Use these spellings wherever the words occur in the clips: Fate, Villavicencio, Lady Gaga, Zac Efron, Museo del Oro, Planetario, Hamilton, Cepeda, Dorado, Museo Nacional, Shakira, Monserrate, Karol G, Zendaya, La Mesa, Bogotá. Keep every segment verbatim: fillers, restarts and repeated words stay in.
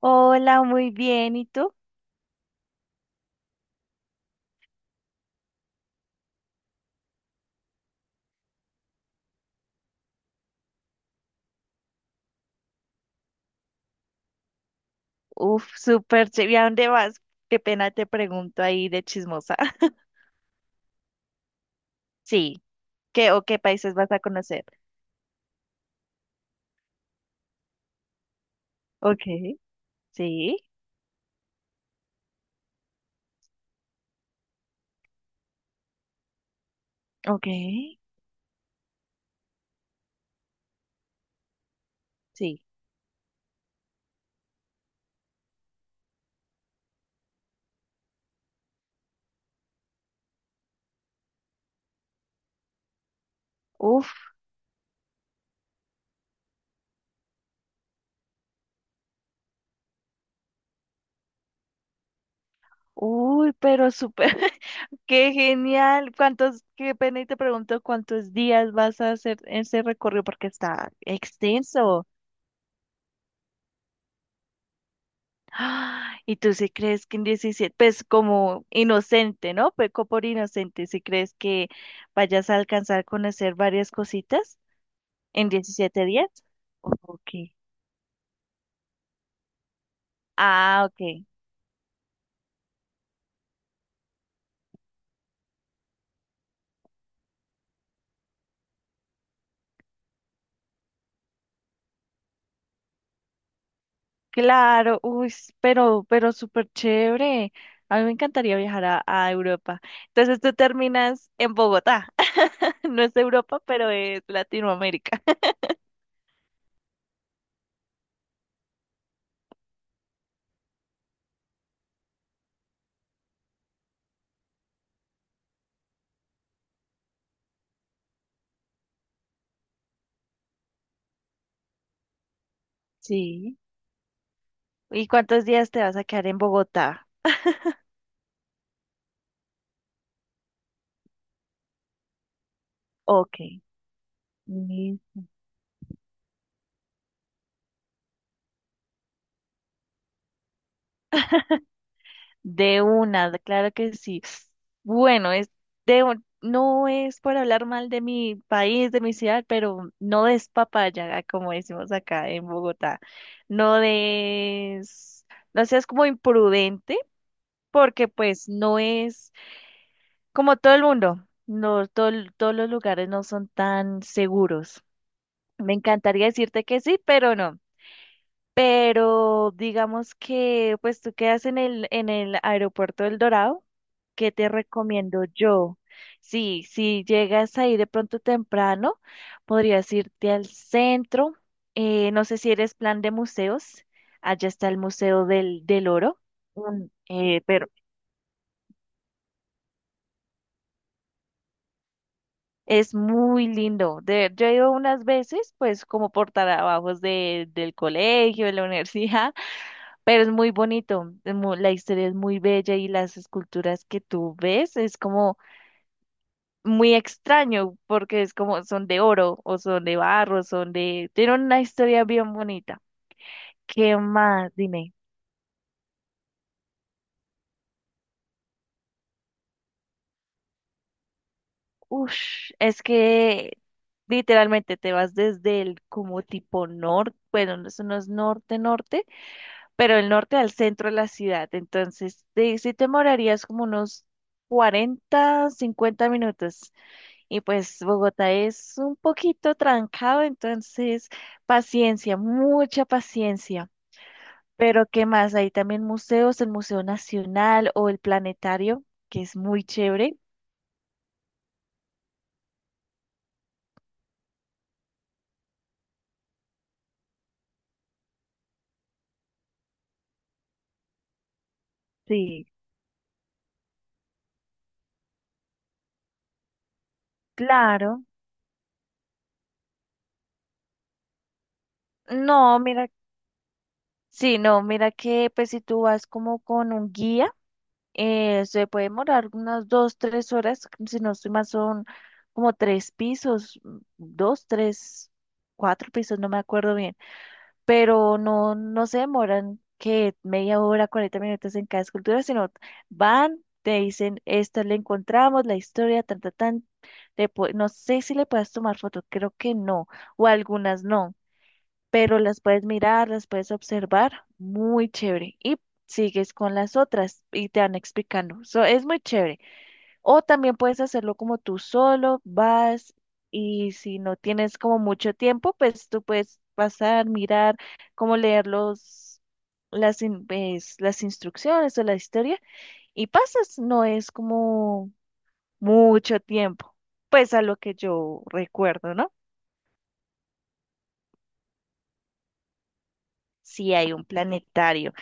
Hola, muy bien. ¿Y tú? Uf, súper chévere. ¿Y a dónde vas? Qué pena te pregunto ahí de chismosa. Sí. ¿Qué o qué países vas a conocer? Ok. Sí. Ok. Sí. Uf, uy, pero súper. Qué genial. ¿Cuántos, qué pena y te pregunto, cuántos días vas a hacer ese recorrido porque está extenso. Ah, y tú sí crees que en diecisiete, pues como inocente, ¿no? Peco por inocente, si crees que vayas a alcanzar a conocer varias cositas en diecisiete días. Ok. Ah, ok. Claro, uy, s- pero, pero súper chévere. A mí me encantaría viajar a, a Europa. Entonces tú terminas en Bogotá. No es Europa, pero es Latinoamérica. Sí. ¿Y cuántos días te vas a quedar en Bogotá? Ok. De una, claro que sí. Bueno, es de un- no es por hablar mal de mi país, de mi ciudad, pero no des papaya, ah, como decimos acá en Bogotá. No des, no seas como imprudente, porque pues no es como todo el mundo. No, todo- todos los lugares no son tan seguros. Me encantaría decirte que sí, pero no. Pero digamos que pues tú quedas en el, en el aeropuerto del Dorado. ¿Qué te recomiendo yo? Sí, si llegas ahí de pronto temprano, podrías irte al centro. eh, no sé si eres plan de museos. Allá está el Museo del, del Oro. un- eh, pero es muy lindo. De- yo he ido unas veces, pues como por trabajos de, del colegio, de la universidad. Pero es muy bonito, es mu- la historia es muy bella, y las esculturas que tú ves es como muy extraño porque es como son de oro o son de barro, son de... tienen una historia bien bonita. ¿Qué más? Dime. Ush, es que literalmente te vas desde el como tipo norte, bueno, no, eso no es norte, norte, pero el norte al centro de la ciudad. Entonces, te, sí te demorarías como unos cuarenta cincuenta minutos. Y pues Bogotá es un poquito trancado, entonces paciencia, mucha paciencia. Pero ¿qué más? Hay también museos, el Museo Nacional o el Planetario, que es muy chévere. Sí, claro. No, mira, sí, no, mira que pues si tú vas como con un guía, eh, se puede demorar unas dos, tres horas. Si no estoy mal, son como tres pisos, mm, dos, tres, cuatro pisos, no me acuerdo bien. Pero no, no se demoran que media hora, cuarenta minutos en cada escultura, sino van, te dicen, esta la encontramos, la historia, tan, tan, tan. te pu- no sé si le puedes tomar fotos, creo que no, o algunas no, pero las puedes mirar, las puedes observar, muy chévere. Y sigues con las otras y te van explicando. So, es muy chévere. O también puedes hacerlo como tú solo, vas, y si no tienes como mucho tiempo, pues tú puedes pasar, mirar, cómo leer los, las, in- pues, las instrucciones o la historia, y pasas. No es como mucho tiempo, pues a lo que yo recuerdo, ¿no? Si hay un planetario,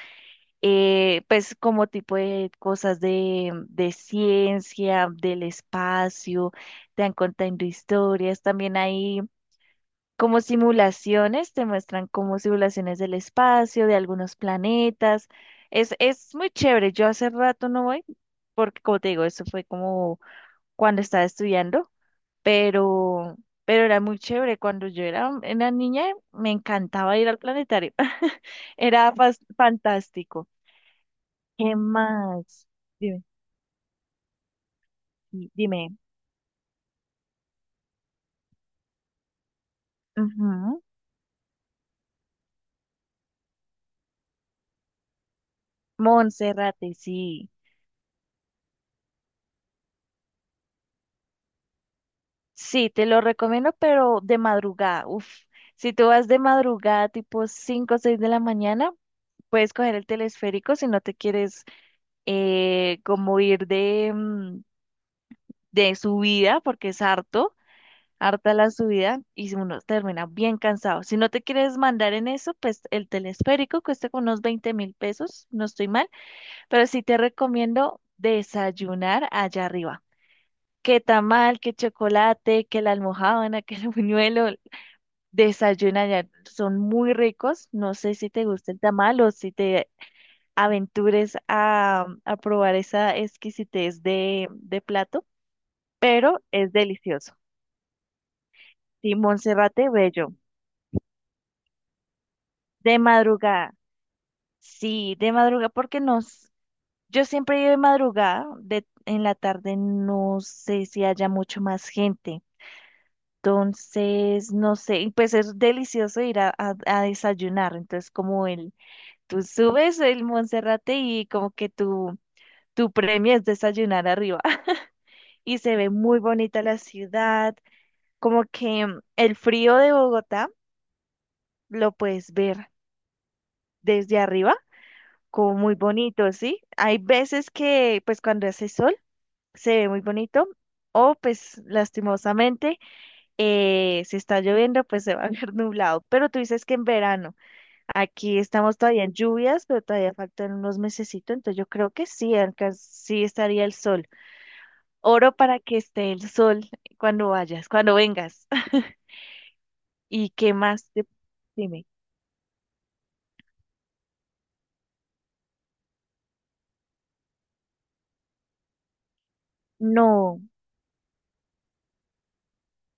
eh, pues como tipo de cosas de, de ciencia, del espacio, te han contando historias. También hay como simulaciones, te muestran como simulaciones del espacio, de algunos planetas. Es, es muy chévere. Yo hace rato no voy, porque como te digo, eso fue como cuando estaba estudiando, pero, pero era muy chévere. Cuando yo era una niña, me encantaba ir al planetario. Era fas- fantástico. ¿Qué más? Dime, sí, dime. Ujú. Monserrate, sí. Sí, te lo recomiendo, pero de madrugada. Uf, si tú vas de madrugada, tipo cinco o seis de la mañana, puedes coger el telesférico si no te quieres, eh, como ir de, mm, de subida, porque es harto, harta la subida, y si uno termina bien cansado. Si no te quieres mandar en eso, pues el telesférico cuesta como unos veinte mil pesos, no estoy mal, pero sí te recomiendo desayunar allá arriba. Que tamal, que chocolate, que la almojábana, que el buñuelo, Desayuna ya, son muy ricos. No sé si te gusta el tamal o si te aventures a, a probar esa exquisitez de, de plato, pero es delicioso. Sí, Monserrate bello, de madrugada. Sí, de madrugada, porque nos, yo siempre iba de madrugada, de, en la tarde no sé si haya mucho más gente. Entonces, no sé, y pues es delicioso ir a, a a desayunar. Entonces, como el tú subes el Monserrate y como que tu, tu premio es desayunar arriba. Y se ve muy bonita la ciudad, como que mm, el frío de Bogotá lo puedes ver desde arriba, como muy bonito, ¿sí? Hay veces que pues cuando hace sol se ve muy bonito. O pues lastimosamente, eh, si está lloviendo, pues se va a ver nublado. Pero tú dices que en verano. Aquí estamos todavía en lluvias, pero todavía faltan unos mesecitos, entonces yo creo que sí, acá sí estaría el sol. Oro para que esté el sol cuando vayas, cuando vengas. ¿Y qué más? te- Dime. No,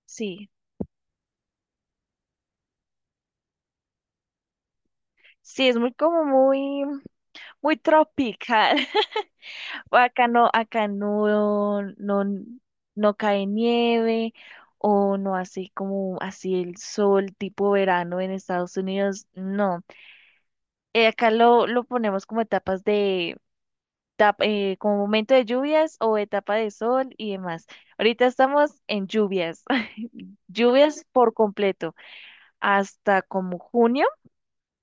sí. Sí, es muy como muy, muy tropical. O Acá no, acá no, no, no cae nieve, o no así como así el sol tipo verano en Estados Unidos, no. Eh, acá lo, lo ponemos como etapas de tap- eh, como momento de lluvias o etapa de sol y demás. Ahorita estamos en lluvias, lluvias por completo, hasta como junio,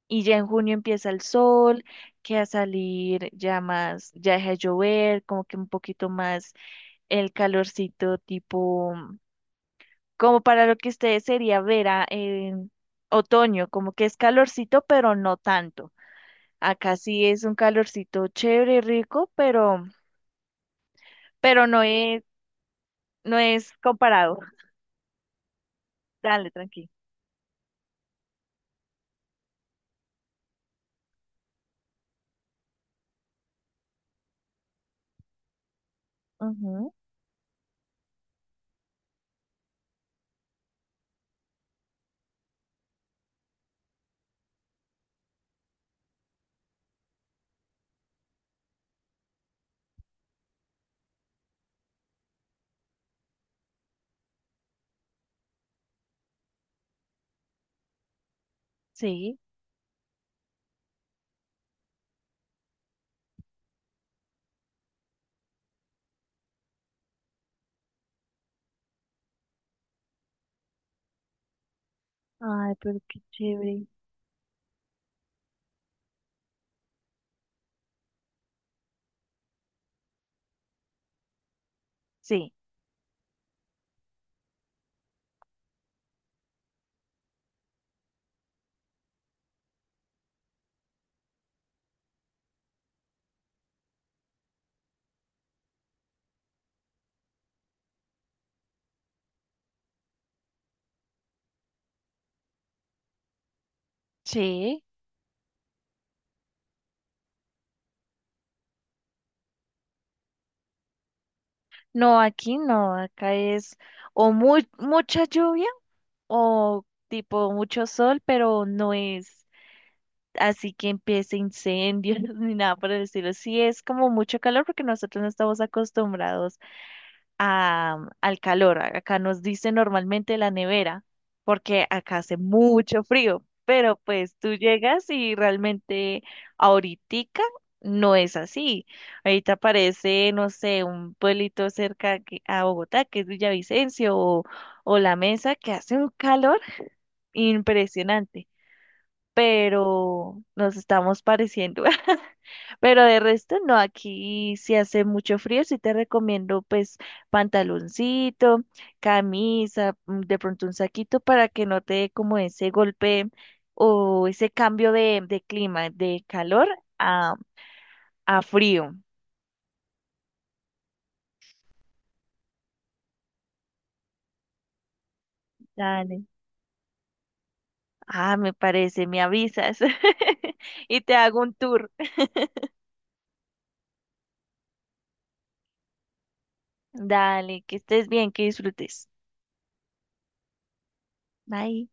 y ya en junio empieza el sol, que a salir ya más, ya deja de llover, como que un poquito más el calorcito tipo, como para lo que ustedes sería vera, eh, otoño, como que es calorcito, pero no tanto. Acá sí es un calorcito chévere, rico, pero... Pero no es... No es comparado. Dale, tranqui. Ujú. Sí. Ay, pero qué chévere. Sí, sí. No, aquí no, acá es o muy, mucha lluvia o tipo mucho sol, pero no es así que empiece incendios ni nada por el estilo. Sí, es como mucho calor porque nosotros no estamos acostumbrados a- al calor. Acá nos dice normalmente la nevera, porque acá hace mucho frío, pero pues tú llegas y realmente ahoritica no es así. Ahorita aparece, no sé, un pueblito cerca que- a Bogotá, que es Villavicencio, o, o La Mesa, que hace un calor impresionante, pero nos estamos pareciendo. Pero de resto no, aquí si hace mucho frío, sí te recomiendo pues pantaloncito, camisa, mm, de pronto un saquito para que no te dé como ese golpe o ese cambio de, de clima, de calor a, a frío. Dale. Ah, me parece, me avisas. Y te hago un tour. Dale, que estés bien, que disfrutes. Bye.